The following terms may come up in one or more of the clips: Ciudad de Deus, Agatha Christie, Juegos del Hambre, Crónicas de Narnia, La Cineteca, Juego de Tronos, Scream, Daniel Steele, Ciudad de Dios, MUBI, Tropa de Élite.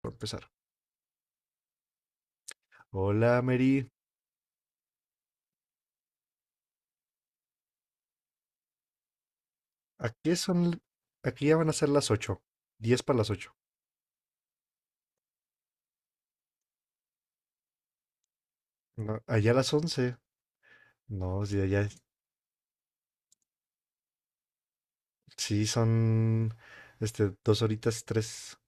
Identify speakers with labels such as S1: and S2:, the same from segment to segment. S1: Para empezar. Hola, Mary. Aquí son, aquí ya van a ser las 8, 10 para las 8. No, allá las 11. No, sí, allá sí son, dos horitas, tres,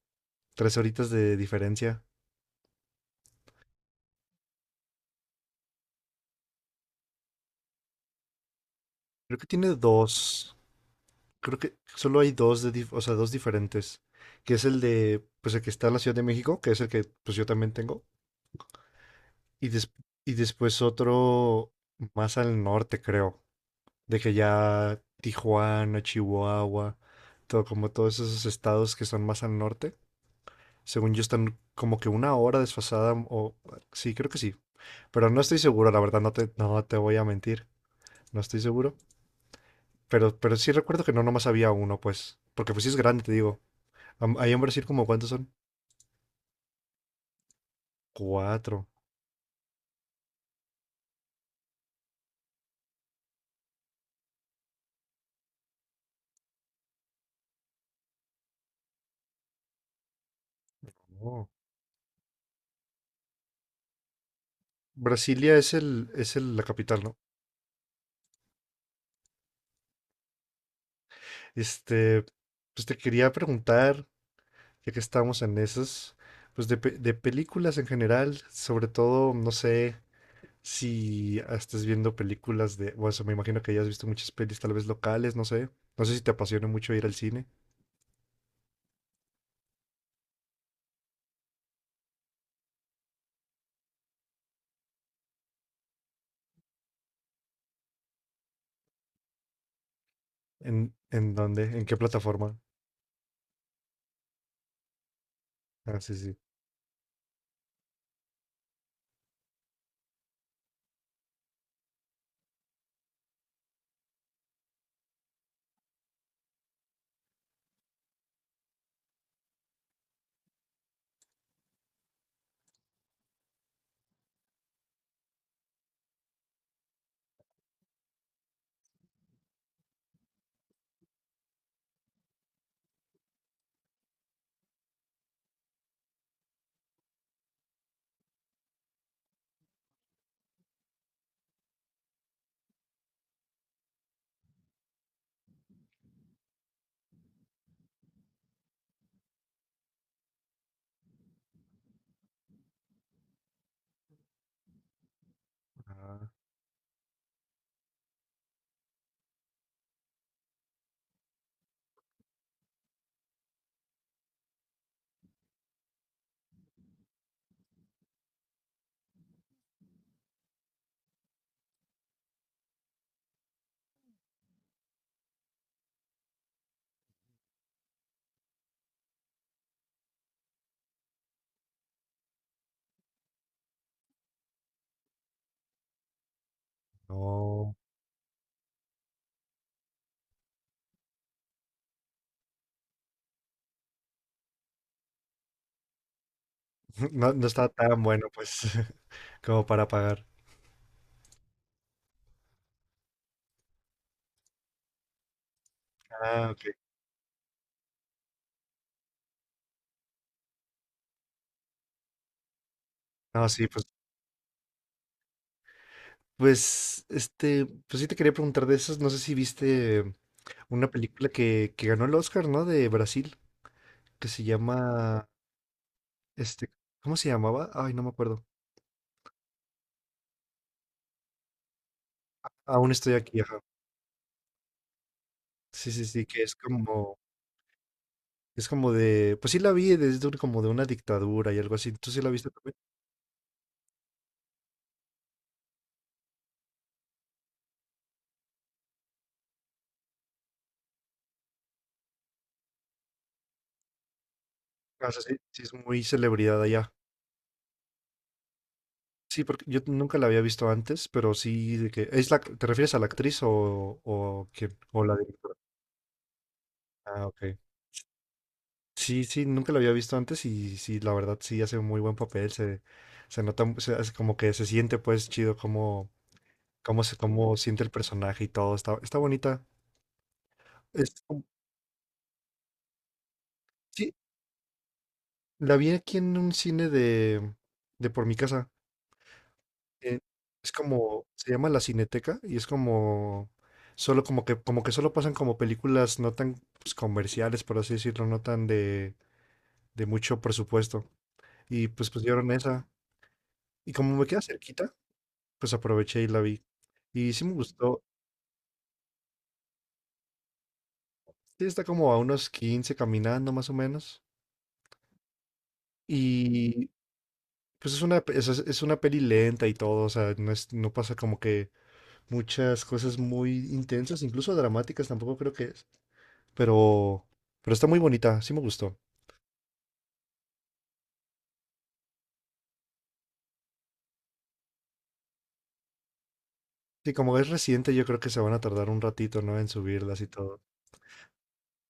S1: tres horitas de diferencia. Creo que tiene dos. Creo que solo hay dos de, o sea, dos diferentes. Que es el de, pues el que está en la Ciudad de México, que es el que, pues yo también tengo. Y, des- y después otro más al norte, creo. De que ya Tijuana, Chihuahua, todo como todos esos estados que son más al norte, según yo están como que una hora desfasada o sí, creo que sí, pero no estoy seguro, la verdad no te voy a mentir, no estoy seguro, pero sí recuerdo que no nomás había uno, pues, porque pues sí es grande, te digo. Ahí en Brasil, ¿como cuántos son? Cuatro. Oh. Brasilia es la capital, ¿no? Este, pues te quería preguntar, ya que estamos en esas, pues de, de películas en general, sobre todo, no sé si estás viendo películas de, bueno, o sea, me imagino que ya has visto muchas pelis tal vez locales, no sé, no sé si te apasiona mucho ir al cine. ¿En, en dónde? ¿En qué plataforma? Ah, sí, sí. Ah, no. No, no está tan bueno, pues, como para pagar. Ah, ok. No, sí, pues, pues, pues sí te quería preguntar de esas, no sé si viste una película que ganó el Oscar, ¿no? De Brasil. Que se llama, este, ¿cómo se llamaba? Ay, no me acuerdo. Aún estoy aquí, ajá. Sí, sí, sí, que es como de, pues sí la vi, como de una dictadura y algo así. ¿Tú sí la viste también? Ah, o sea, sí, sí es muy celebridad allá. Sí, porque yo nunca la había visto antes, pero sí, de que es la, ¿te refieres a la actriz o quién? ¿O la directora? Ah, ok. Sí, sí, nunca la había visto antes y sí, la verdad sí hace un muy buen papel. Se se nota, se hace como que se siente pues chido cómo se, cómo siente el personaje y todo. Está, está bonita. Es como- sí, la vi aquí en un cine de por mi casa. eh, es como, se llama La Cineteca y es como, solo como que solo pasan como películas no tan pues, comerciales, por así decirlo, no tan de mucho presupuesto. Y pues pusieron esa. Y como me queda cerquita, pues aproveché y la vi. Y sí me gustó. Sí, está como a unos 15 caminando más o menos. Pues es una peli lenta y todo, o sea, no es, no pasa como que muchas cosas muy intensas, incluso dramáticas tampoco creo que es, pero, pero está muy bonita, sí me gustó. Sí, como es reciente, yo creo que se van a tardar un ratito, ¿no? En subirlas y todo.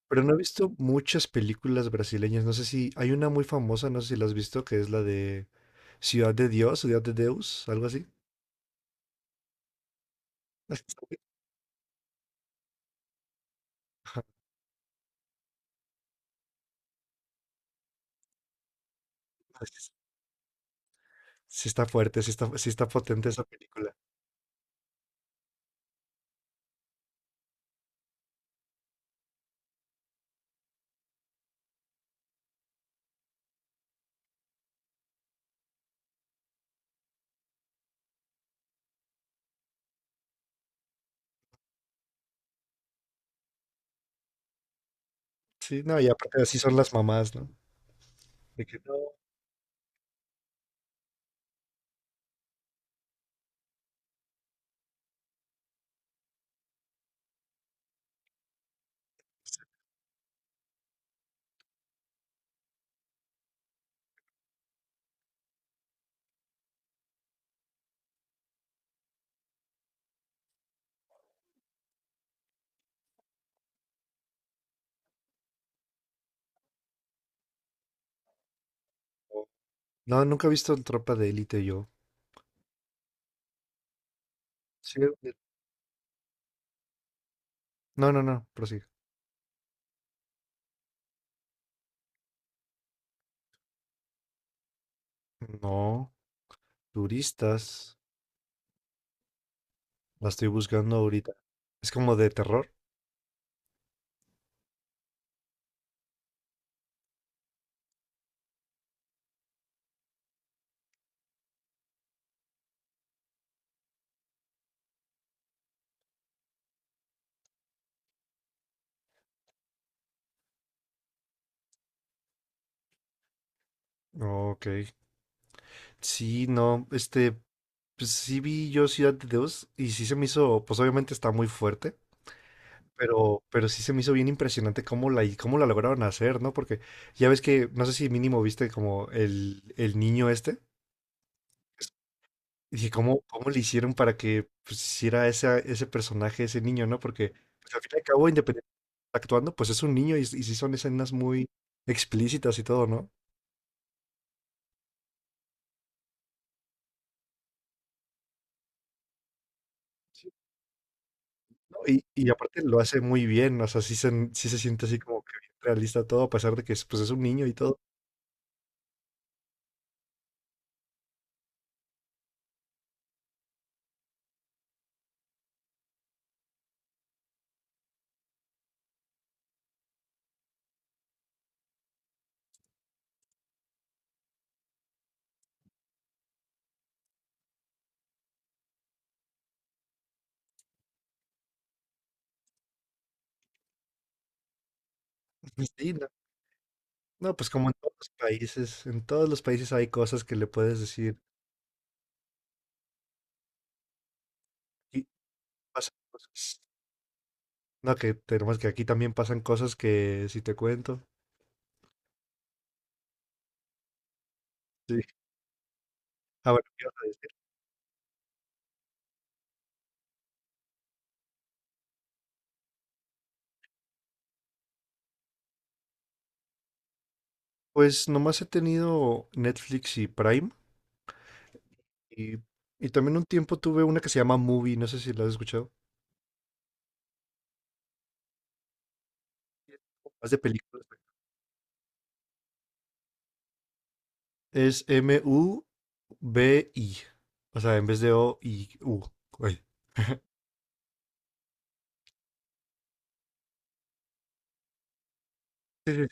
S1: Pero no he visto muchas películas brasileñas, no sé si, hay una muy famosa, no sé si la has visto, que es la de Ciudad de Dios, Ciudad de Deus, algo así. Ajá, es. Sí está fuerte, sí está potente esa película. Sí, no, y aparte así son las mamás, ¿no? De que, "No", no, nunca he visto Tropa de Élite yo. Sí, de- No, no, no, prosigue. No, turistas. La estoy buscando ahorita. Es como de terror. Ok. Sí, no, pues sí vi yo Ciudad de Dios y sí se me hizo, pues obviamente está muy fuerte, pero sí se me hizo bien impresionante cómo la lograron hacer, ¿no? Porque ya ves que, no sé si mínimo viste como el niño este. Y dije, ¿cómo, cómo le hicieron para que pues, hiciera esa, ese personaje, ese niño, ¿no? Porque pues, al fin y al cabo, independientemente actuando, pues es un niño y sí son escenas muy explícitas y todo, ¿no? No. Y aparte lo hace muy bien, o sea, sí se siente así como que bien realista todo, a pesar de que es, pues, es un niño y todo. Sí, no, no, pues como en todos los países, en todos los países hay cosas que le puedes decir. Y pasan cosas. No, que tenemos que aquí también pasan cosas que si te cuento. Sí. Ah, bueno, ¿qué ibas a Pues nomás he tenido Netflix y Prime y, y también un tiempo tuve una que se llama Movie, no sé si la has escuchado. Más de películas. Es M-U-B-I. O sea, en vez de O-I-U. Ay. Sí, sí.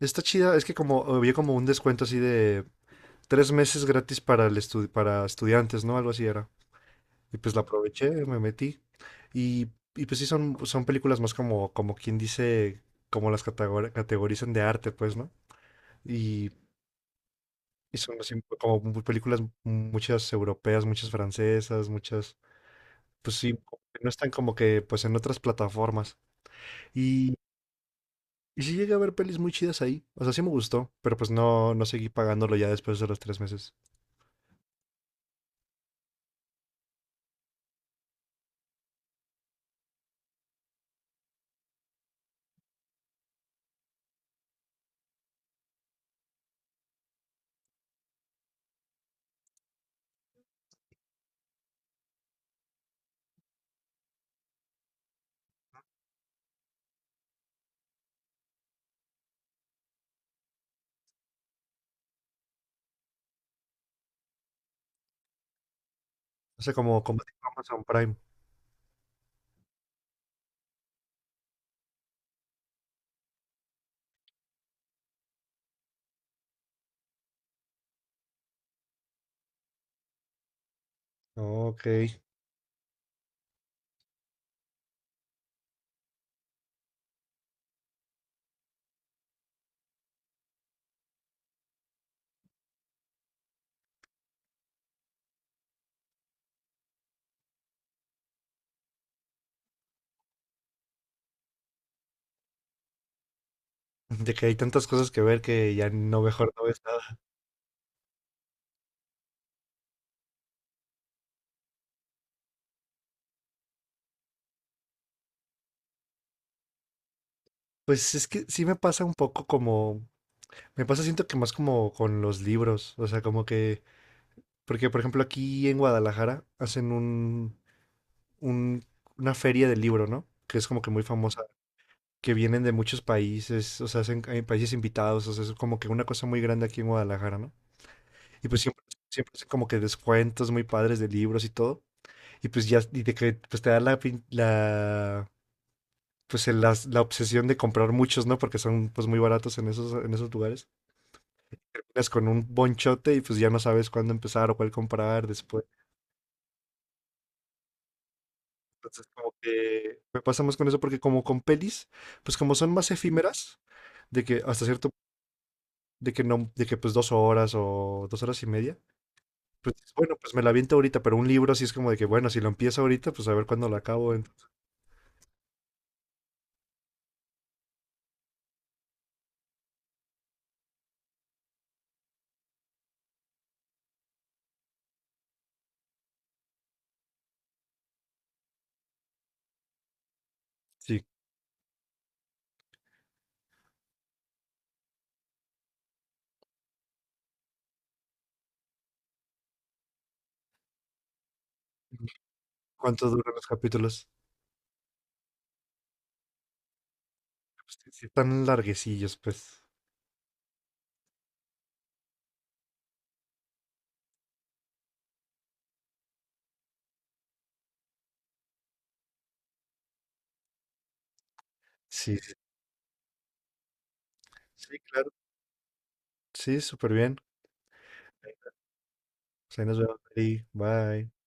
S1: Está chida, es que como había como un descuento así de 3 meses gratis para el para estudiantes, ¿no? Algo así era. Y pues la aproveché, me metí. Y, y pues sí, son, son películas más como, como quien dice, como las categorizan de arte, pues, ¿no? Y, y son así como películas, muchas europeas, muchas francesas, muchas, pues sí, como que no están como que pues en otras plataformas. Y, y sí llegué a ver pelis muy chidas ahí. O sea, sí me gustó, pero pues no, no seguí pagándolo ya después de los 3 meses. O sea, como, como tipo Amazon Prime. Ok. De que hay tantas cosas que ver que ya no mejor no ves nada. Pues es que sí me pasa un poco como, me pasa siento que más como con los libros, o sea, como que, porque por ejemplo aquí en Guadalajara hacen un, un- una feria del libro, ¿no? Que es como que muy famosa, que vienen de muchos países, o sea, hacen, hay países invitados, o sea, es como que una cosa muy grande aquí en Guadalajara, ¿no? Y pues siempre, siempre hacen como que descuentos muy padres de libros y todo. Y pues ya, y de que pues te da la, la pues la obsesión de comprar muchos, ¿no? Porque son pues muy baratos en esos lugares. Terminas con un bonchote y pues ya no sabes cuándo empezar o cuál comprar después. Entonces como que me pasa más con eso porque como con pelis, pues como son más efímeras, de que hasta cierto, de que no, de que pues 2 horas o 2 horas y media, pues dices, bueno, pues me la aviento ahorita, pero un libro sí es como de que, bueno, si lo empiezo ahorita, pues a ver cuándo lo acabo, entonces, sí, ¿cuánto duran los capítulos? Pues sí, sí están larguecillos, pues, sí, sí, sí, claro, sí, súper bien, pues ahí nos vemos, Mary. Bye.